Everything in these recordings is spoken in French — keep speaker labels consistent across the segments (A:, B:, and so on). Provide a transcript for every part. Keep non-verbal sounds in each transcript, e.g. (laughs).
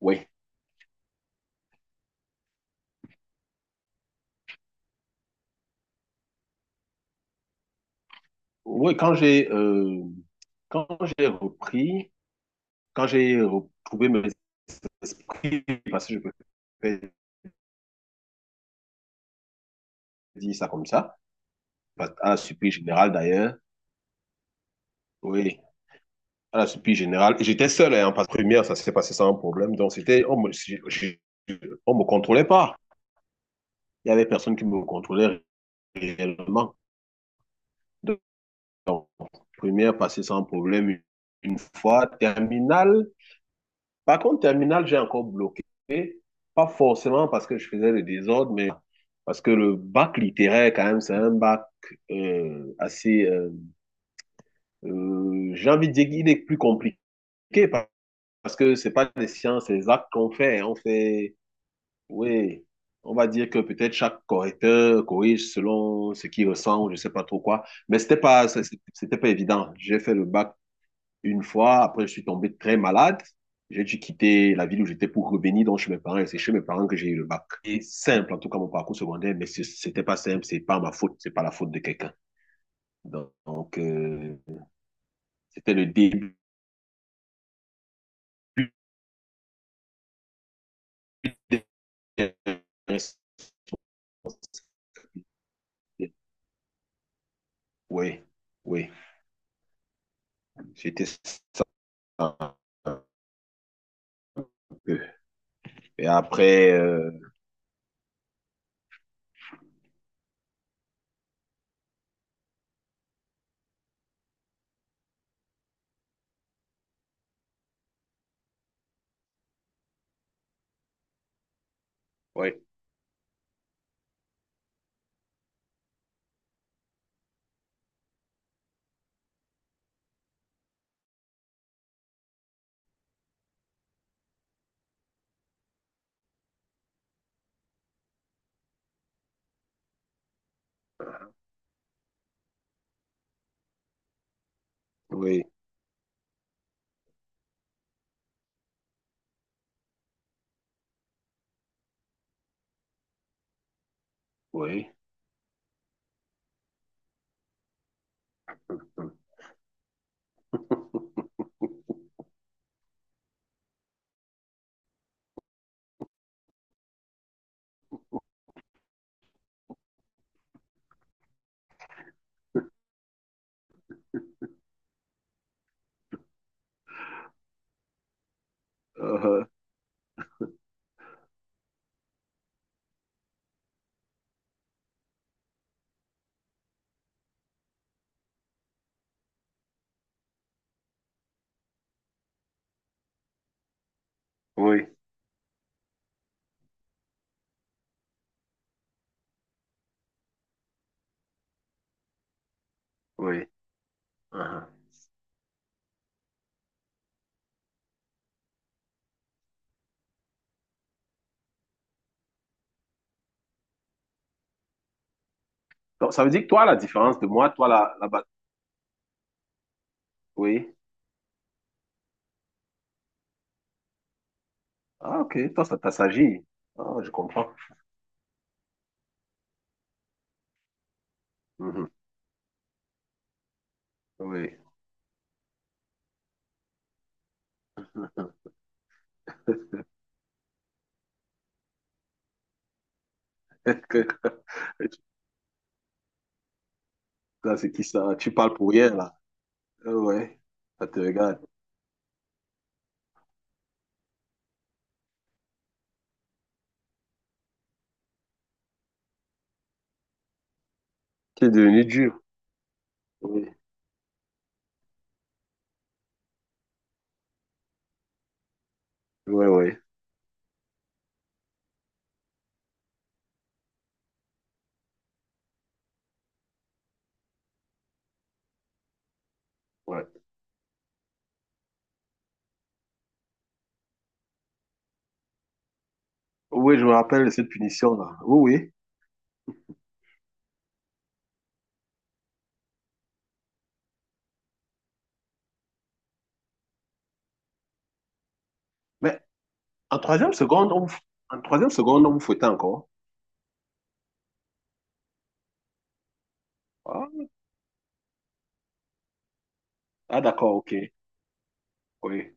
A: Oui, oui, quand quand j'ai repris. Quand j'ai retrouvé mes esprits, parce que je peux dire ça comme ça, à la surprise générale d'ailleurs, oui, à la surprise générale, et j'étais seul hein, en passe première, ça s'est passé sans problème, donc c'était, on me, je- on me contrôlait pas, il y avait personne qui me contrôlait réellement. Donc, première passée sans problème, une fois, terminale, par contre, terminale, j'ai encore bloqué. Pas forcément parce que je faisais le désordre, mais parce que le bac littéraire, quand même, c'est un bac assez... j'ai envie de dire qu'il est plus compliqué pa- parce que c'est pas des sciences exactes qu'on fait. On fait... Oui, on va dire que peut-être chaque correcteur corrige selon ce qu'il ressent ou je sais pas trop quoi. Mais c'était pas évident. J'ai fait le bac une fois, après, je suis tombé très malade. J'ai dû quitter la ville où j'étais pour revenir donc chez mes parents. Et c'est chez mes parents que j'ai eu le bac. C'est simple, en tout cas, mon parcours secondaire, mais c'était pas simple. C'est pas ma faute. C'est pas la faute de quelqu'un. Donc, euh, c'était le début. des- Oui, oui. C'était ça un peu. Et après, oui, oui, oui. (laughs) Euh, oui, oui. (laughs) Uh-huh. Donc, ça veut dire que toi, la différence de moi, toi, oui. Ah, ok, toi, ça t'assagit. Ah, je comprends. Mhm. Oui. (laughs) Là, c'est qui ça? Tu parles pour rien, là. Ah ouais, ça te regarde. Tu es devenu dur. Oui, oui, oui. Ouais. Oui, je me rappelle de cette punition-là. Oui, oui. Mais en troisième seconde, on vous... en troisième seconde, on vous fouettait encore. Ah, ah, d'accord, ok. Oui.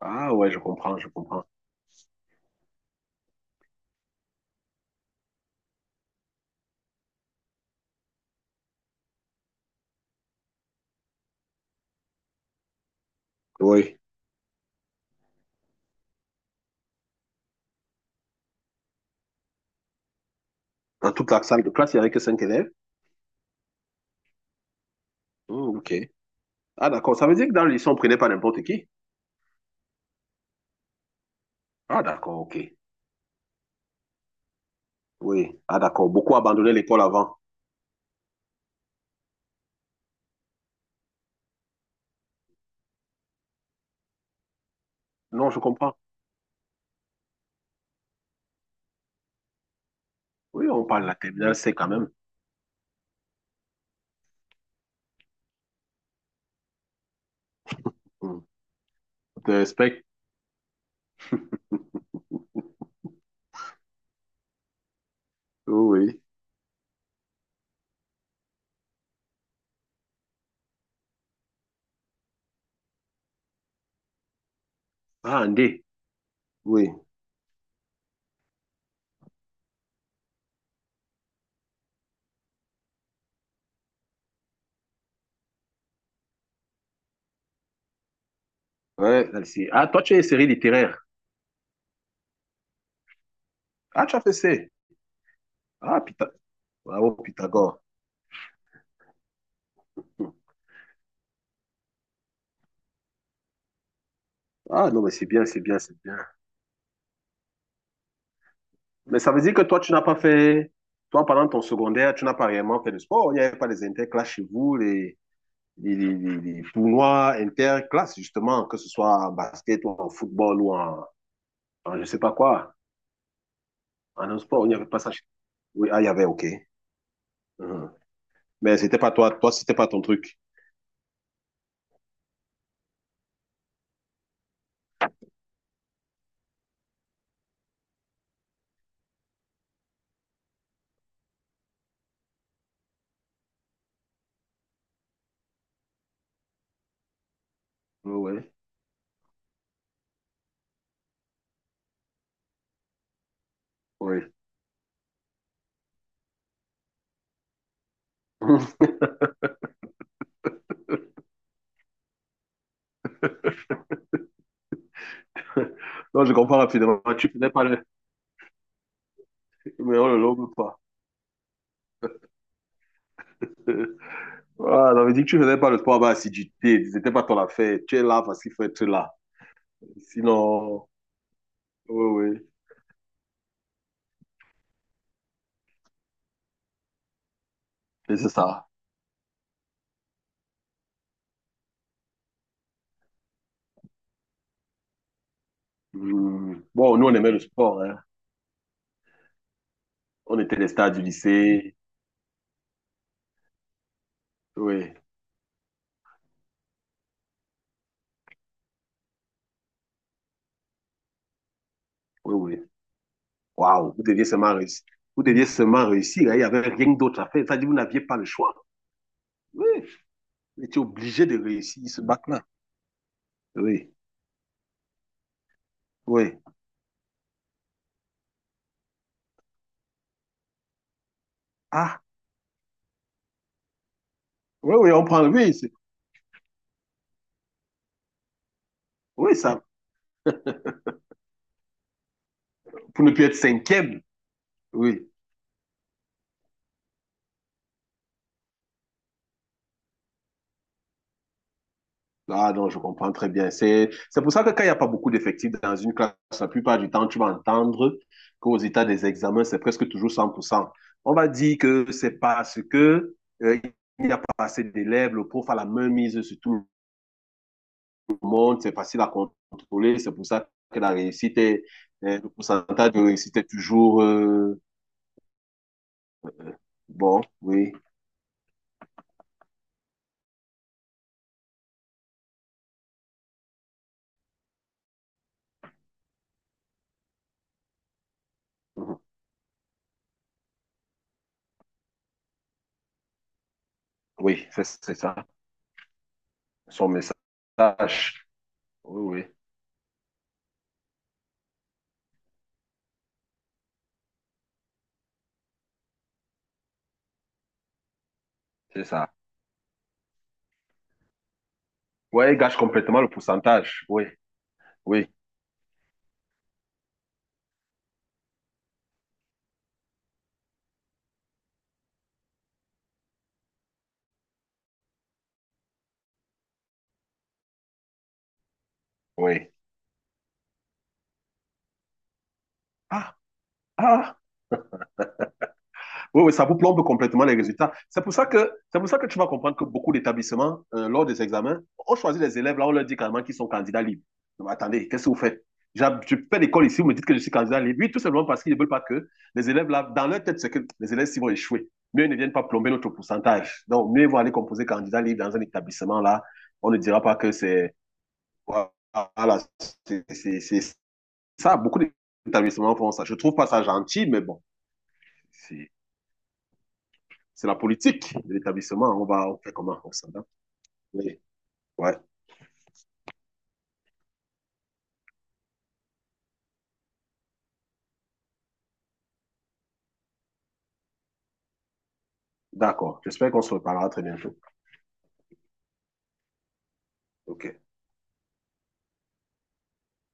A: Ah ouais, je comprends, je comprends. Oui. Dans toute la salle de classe, il n'y avait que cinq élèves. Hmm, ok. Ah d'accord, ça veut dire que dans le lycée, on ne prenait pas n'importe qui. Ah d'accord, ok. Oui. Ah, d'accord. Beaucoup abandonné l'école avant. Non, je comprends. Oui, on parle de la terminale C quand même. Hmm. Je te respecte. Oui. Oui. Ah, un D. Oui. Ouais, là, ici. Ah, toi, tu es série littéraire. Ah, tu as fait C. Ah, Pytha... Bravo, Pythagore. Hmm. Ah, non, mais c'est bien, c'est bien, c'est bien. Mais ça veut dire que toi, tu n'as pas fait. Toi, pendant ton secondaire, tu n'as pas réellement fait de sport. Il n'y avait pas les interclasses chez vous, les tournois interclasses, justement, que ce soit en basket ou en football ou en je sais pas quoi. En un sport, il n'y avait pas ça. Oui, ah, il y avait, ok. Mhm. Mais c'était pas toi, toi, c'était pas ton truc. Oui, oui. Oui. (laughs) Non, je comprends rapidement. Ah, tu faisais pas le. Mais on le lobe pas. (laughs) Ah, j'avais dit que tu faisais pas le sport avec assiduité. C'était pas ton affaire. Tu es là parce qu'il faut être là. Sinon, oui, oui. Et c'est ça. Mhm. Bon, nous, on aimait le sport, hein. On était les stars du lycée. Oui, oui, oui. Waouh, vous deviez seulement réussir. Vous deviez seulement réussir, hein. Il n'y avait rien d'autre à faire. Ça dit, vous n'aviez pas le choix. Oui. Il était obligé de réussir ce bac-là. Oui. Oui. Ah, oui, oui, on prend. Oui, oui, ça, pour ne plus être cinquième. Oui. Ah non, je comprends très bien. C'est pour ça que quand il n'y a pas beaucoup d'effectifs dans une classe, la plupart du temps, tu vas entendre qu'aux états des examens, c'est presque toujours 100%. On va dire que c'est parce que, euh, il n'y a pas assez d'élèves, le prof a la main mise sur tout le monde, c'est facile à contrôler, c'est pour ça que la réussite est, le pourcentage de réussite est toujours, bon, oui. Mhm. Oui, c'est ça. Son message. Oui, oui, c'est ça. Oui, il gâche complètement le pourcentage. Oui, oui, oui. Ah, ah. Oui, oui, ça vous plombe complètement les résultats. C'est pour ça que tu vas comprendre que beaucoup d'établissements, lors des examens, on choisit les élèves, là, on leur dit carrément qu'ils sont candidats libres. Non, mais attendez, qu'est-ce que vous faites? Je fais l'école ici, vous me dites que je suis candidat libre. Oui, tout simplement parce qu'ils ne veulent pas que les élèves, là, dans leur tête, c'est que les élèves, s'ils vont échouer, mieux ils ne viennent pas plomber notre pourcentage. Donc, mieux ils vont aller composer candidat libre dans un établissement, là, on ne dira pas que c'est. Voilà, c'est ça. Beaucoup d'établissements font ça. Je ne trouve pas ça gentil, mais bon, c'est c'est la politique de l'établissement. On va, on fait comment? On s'adapte. Oui. Ouais. D'accord. J'espère qu'on se reparlera très bientôt. OK.